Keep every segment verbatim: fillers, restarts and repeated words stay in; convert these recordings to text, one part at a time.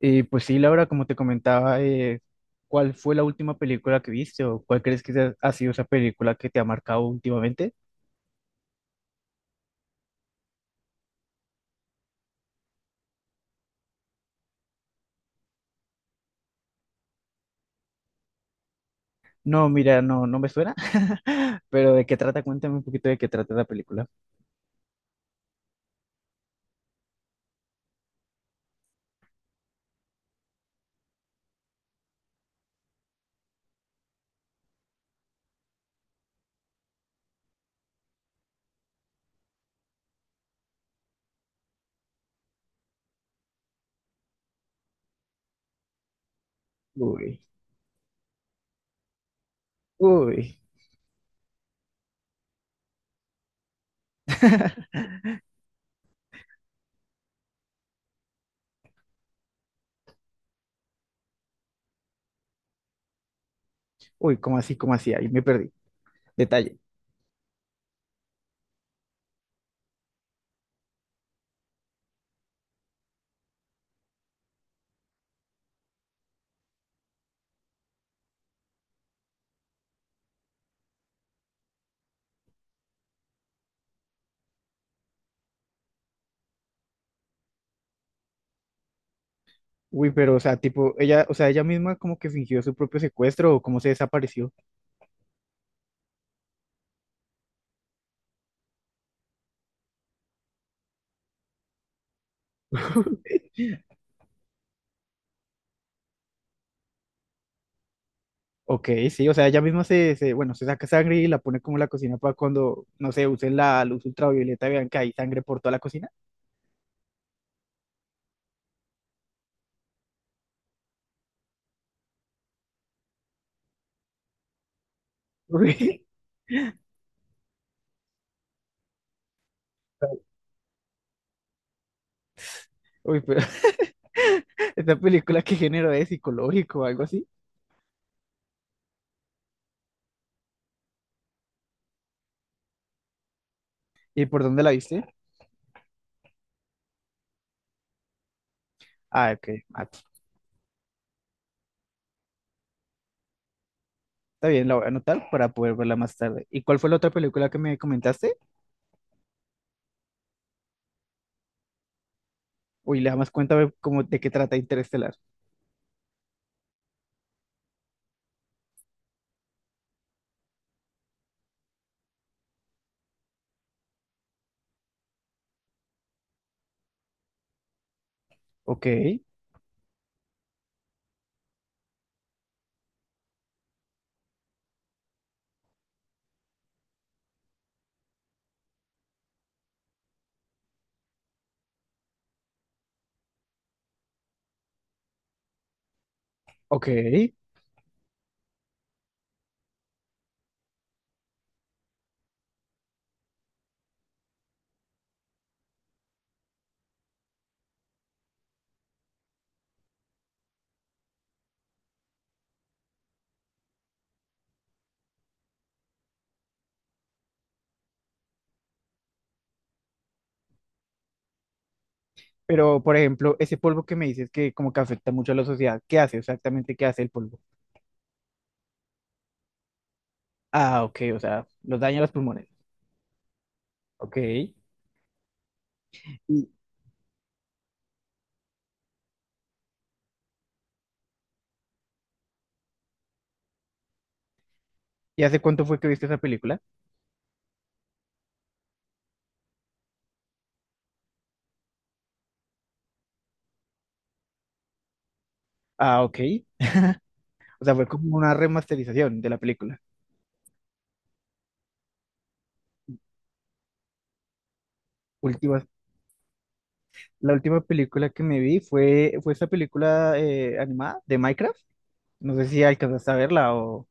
Y pues sí, Laura, como te comentaba, eh, ¿cuál fue la última película que viste o cuál crees que sea- ha sido esa película que te ha marcado últimamente? No, mira, no, no me suena, pero ¿de qué trata? Cuéntame un poquito de qué trata la película. Uy, uy, uy, ¿cómo así, cómo así? Ahí me perdí. Detalle. Uy, pero, o sea, tipo, ella, o sea, ella misma como que fingió su propio secuestro o cómo se desapareció. Ok, sí, o sea, ella misma se, se, bueno, se saca sangre y la pone como en la cocina para cuando, no sé, usen la luz ultravioleta, vean que hay sangre por toda la cocina. Uy, uy, pero esta película qué género es, psicológico o algo así. ¿Y por dónde la viste? Ah, ok. Ah, está bien, la voy a anotar para poder verla más tarde. ¿Y cuál fue la otra película que me comentaste? Uy, la más cuenta a cómo de qué trata Interestelar. Ok, ok. Pero, por ejemplo, ese polvo que me dices que como que afecta mucho a la sociedad, ¿qué hace exactamente? ¿Qué hace el polvo? Ah, ok, o sea, los daña los pulmones. Ok. ¿Y, y hace cuánto fue que viste esa película? Ah, ok. O sea, fue como una remasterización de la película. Última. La última película que me vi fue, fue esa película eh, animada de Minecraft. No sé si alcanzaste a verla o...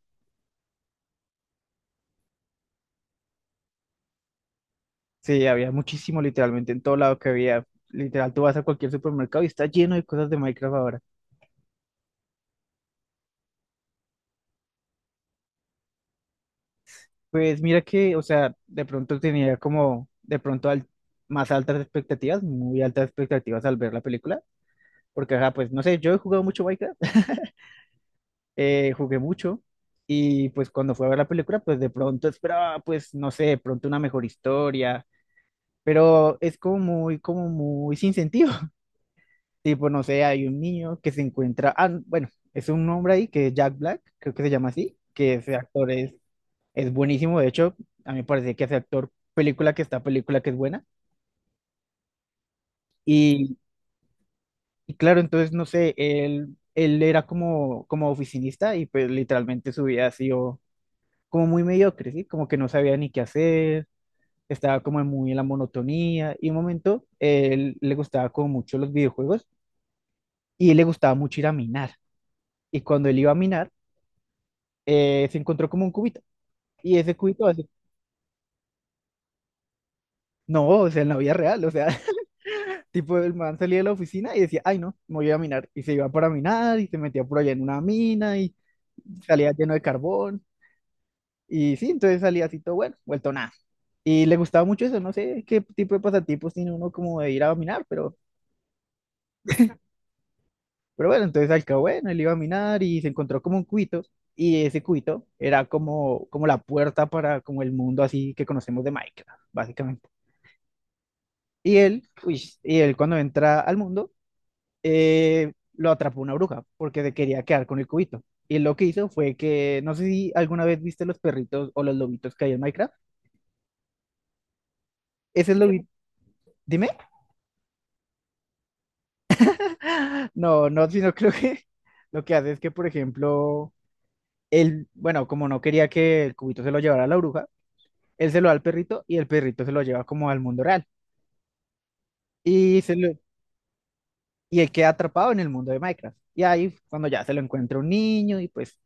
Sí, había muchísimo, literalmente en todo lado que había. Literal, tú vas a cualquier supermercado y está lleno de cosas de Minecraft ahora. Pues mira que, o sea, de pronto tenía como, de pronto al- más altas expectativas, muy altas expectativas al ver la película. Porque, ajá, pues no sé, yo he jugado mucho Minecraft, eh, jugué mucho. Y pues cuando fui a ver la película, pues de pronto esperaba, pues no sé, de pronto una mejor historia, pero es como muy, como muy sin sentido. Tipo, no sé, hay un niño que se encuentra, ah, bueno, es un hombre ahí que es Jack Black, creo que se llama así, que ese actor es, es buenísimo, de hecho, a mí me parece que ese actor, película que está, película que es buena, y, y claro, entonces, no sé, él, él era como, como oficinista y pues literalmente su vida ha sido como muy mediocre, ¿sí? Como que no sabía ni qué hacer. Estaba como muy en la monotonía y un momento él le gustaba como mucho los videojuegos y él le gustaba mucho ir a minar. Y cuando él iba a minar, eh, se encontró como un cubito. Y ese cubito, así, no, o sea, en la vida real, o sea, tipo, el man salía de la oficina y decía, ay, no, me voy a minar. Y se iba para minar y se metía por allá en una mina y salía lleno de carbón. Y sí, entonces salía así todo bueno, vuelto nada. Y le gustaba mucho eso, no sé qué tipo de pasatipos tiene uno como de ir a minar, pero Pero bueno, entonces al cabo, bueno, él iba a minar y se encontró como un cuito, y ese cuito era como, como la puerta para como el mundo así que conocemos de Minecraft, básicamente. Y él, uy, y él cuando entra al mundo, eh, lo atrapó una bruja, porque se quería quedar con el cubito. Y él lo que hizo fue que, no sé si alguna vez viste los perritos o los lobitos que hay en Minecraft, ese lobito, dime, no, no, sino creo que lo que hace es que, por ejemplo, él, bueno, como no quería que el cubito se lo llevara a la bruja, él se lo da al perrito y el perrito se lo lleva como al mundo real. Y, se lo- y él queda atrapado en el mundo de Minecraft. Y ahí cuando ya se lo encuentra un niño y pues,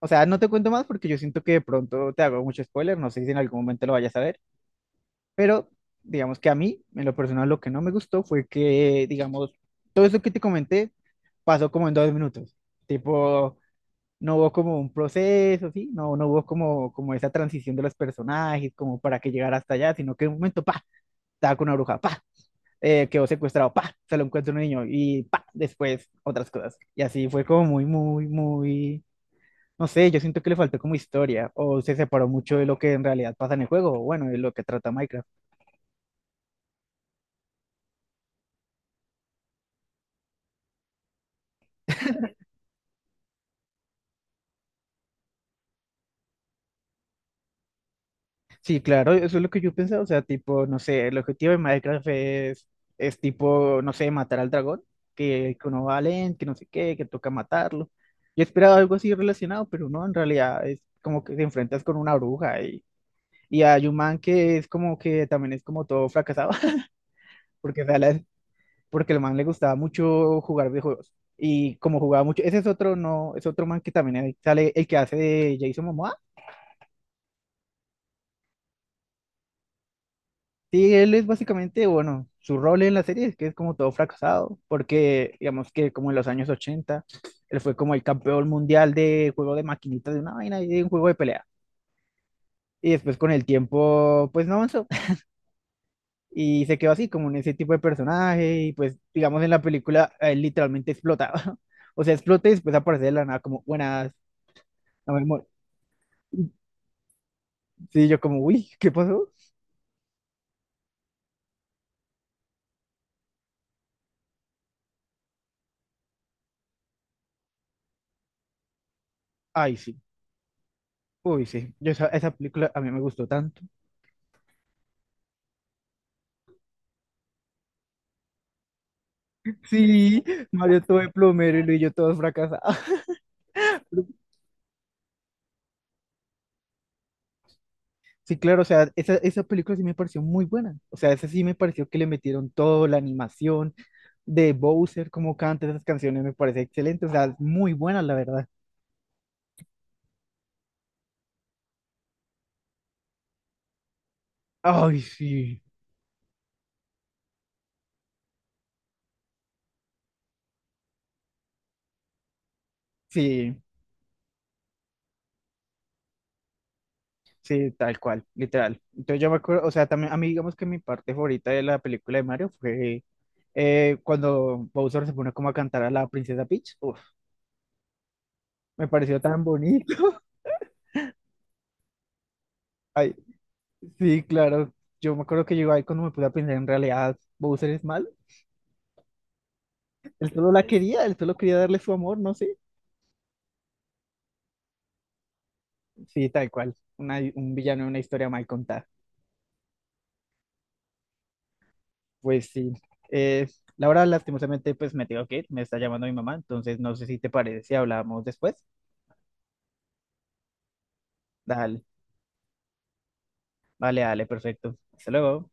o sea, no te cuento más porque yo siento que de pronto te hago mucho spoiler, no sé si en algún momento lo vayas a ver, pero digamos que a mí, en lo personal, lo que no me gustó fue que, digamos, eso que te comenté pasó como en dos minutos. Tipo, no hubo como un proceso, ¿sí? No, no hubo como, como esa transición de los personajes, como para que llegara hasta allá, sino que en un momento, pa, estaba con una bruja, pa. Eh, quedó secuestrado, pa, se lo encuentra un niño y pa, después otras cosas. Y así fue como muy, muy, muy, no sé, yo siento que le faltó como historia o se separó mucho de lo que en realidad pasa en el juego, o bueno, de lo que trata Minecraft. Sí, claro, eso es lo que yo pensaba, o sea, tipo, no sé, el objetivo de Minecraft es, es tipo, no sé, matar al dragón, que, que uno va lento, que no sé qué, que toca matarlo. Yo esperaba algo así relacionado, pero no, en realidad es como que te enfrentas con una bruja y... Y hay un man que es como que también es como todo fracasado, porque, o sea, la- porque el man le gustaba mucho jugar videojuegos. Y como jugaba mucho, ese es otro, no, es otro man que también ahí sale el que hace de Jason Momoa. Sí, él es básicamente, bueno, su rol en la serie es que es como todo fracasado, porque digamos que como en los años ochenta él fue como el campeón mundial de juego de maquinitas de una vaina y de un juego de pelea. Y después con el tiempo, pues no avanzó. Y se quedó así, como en ese tipo de personaje. Y pues, digamos, en la película, él literalmente explotaba. O sea, explota y después aparece de la nada como, buenas, no me mo-. Sí, yo como, uy, ¿qué pasó? Ay, sí. Uy, sí. Yo esa, esa película a mí me gustó tanto. Sí, Mario todo de plomero y Luis y yo todos fracasados. Sí, claro, o sea, esa, esa película sí me pareció muy buena. O sea, esa sí me pareció que le metieron todo, la animación de Bowser, como canta esas canciones, me parece excelente. O sea, muy buena, la verdad. Ay, sí. Sí. Sí, tal cual, literal. Entonces yo me acuerdo, o sea, también a mí digamos que mi parte favorita de la película de Mario fue eh, cuando Bowser se pone como a cantar a la princesa Peach. Uf, me pareció tan bonito. Ay, sí, claro. Yo me acuerdo que yo ahí cuando me puse a pensar, en realidad Bowser es mal. Él solo la quería, él solo quería darle su amor, no sé. Sí, tal cual. Una- un villano de una historia mal contada. Pues sí. Eh, Laura, lastimosamente, pues me tengo que ir. Me está llamando mi mamá, entonces no sé si te parece si hablamos después. Dale. Vale, dale, perfecto. Hasta luego.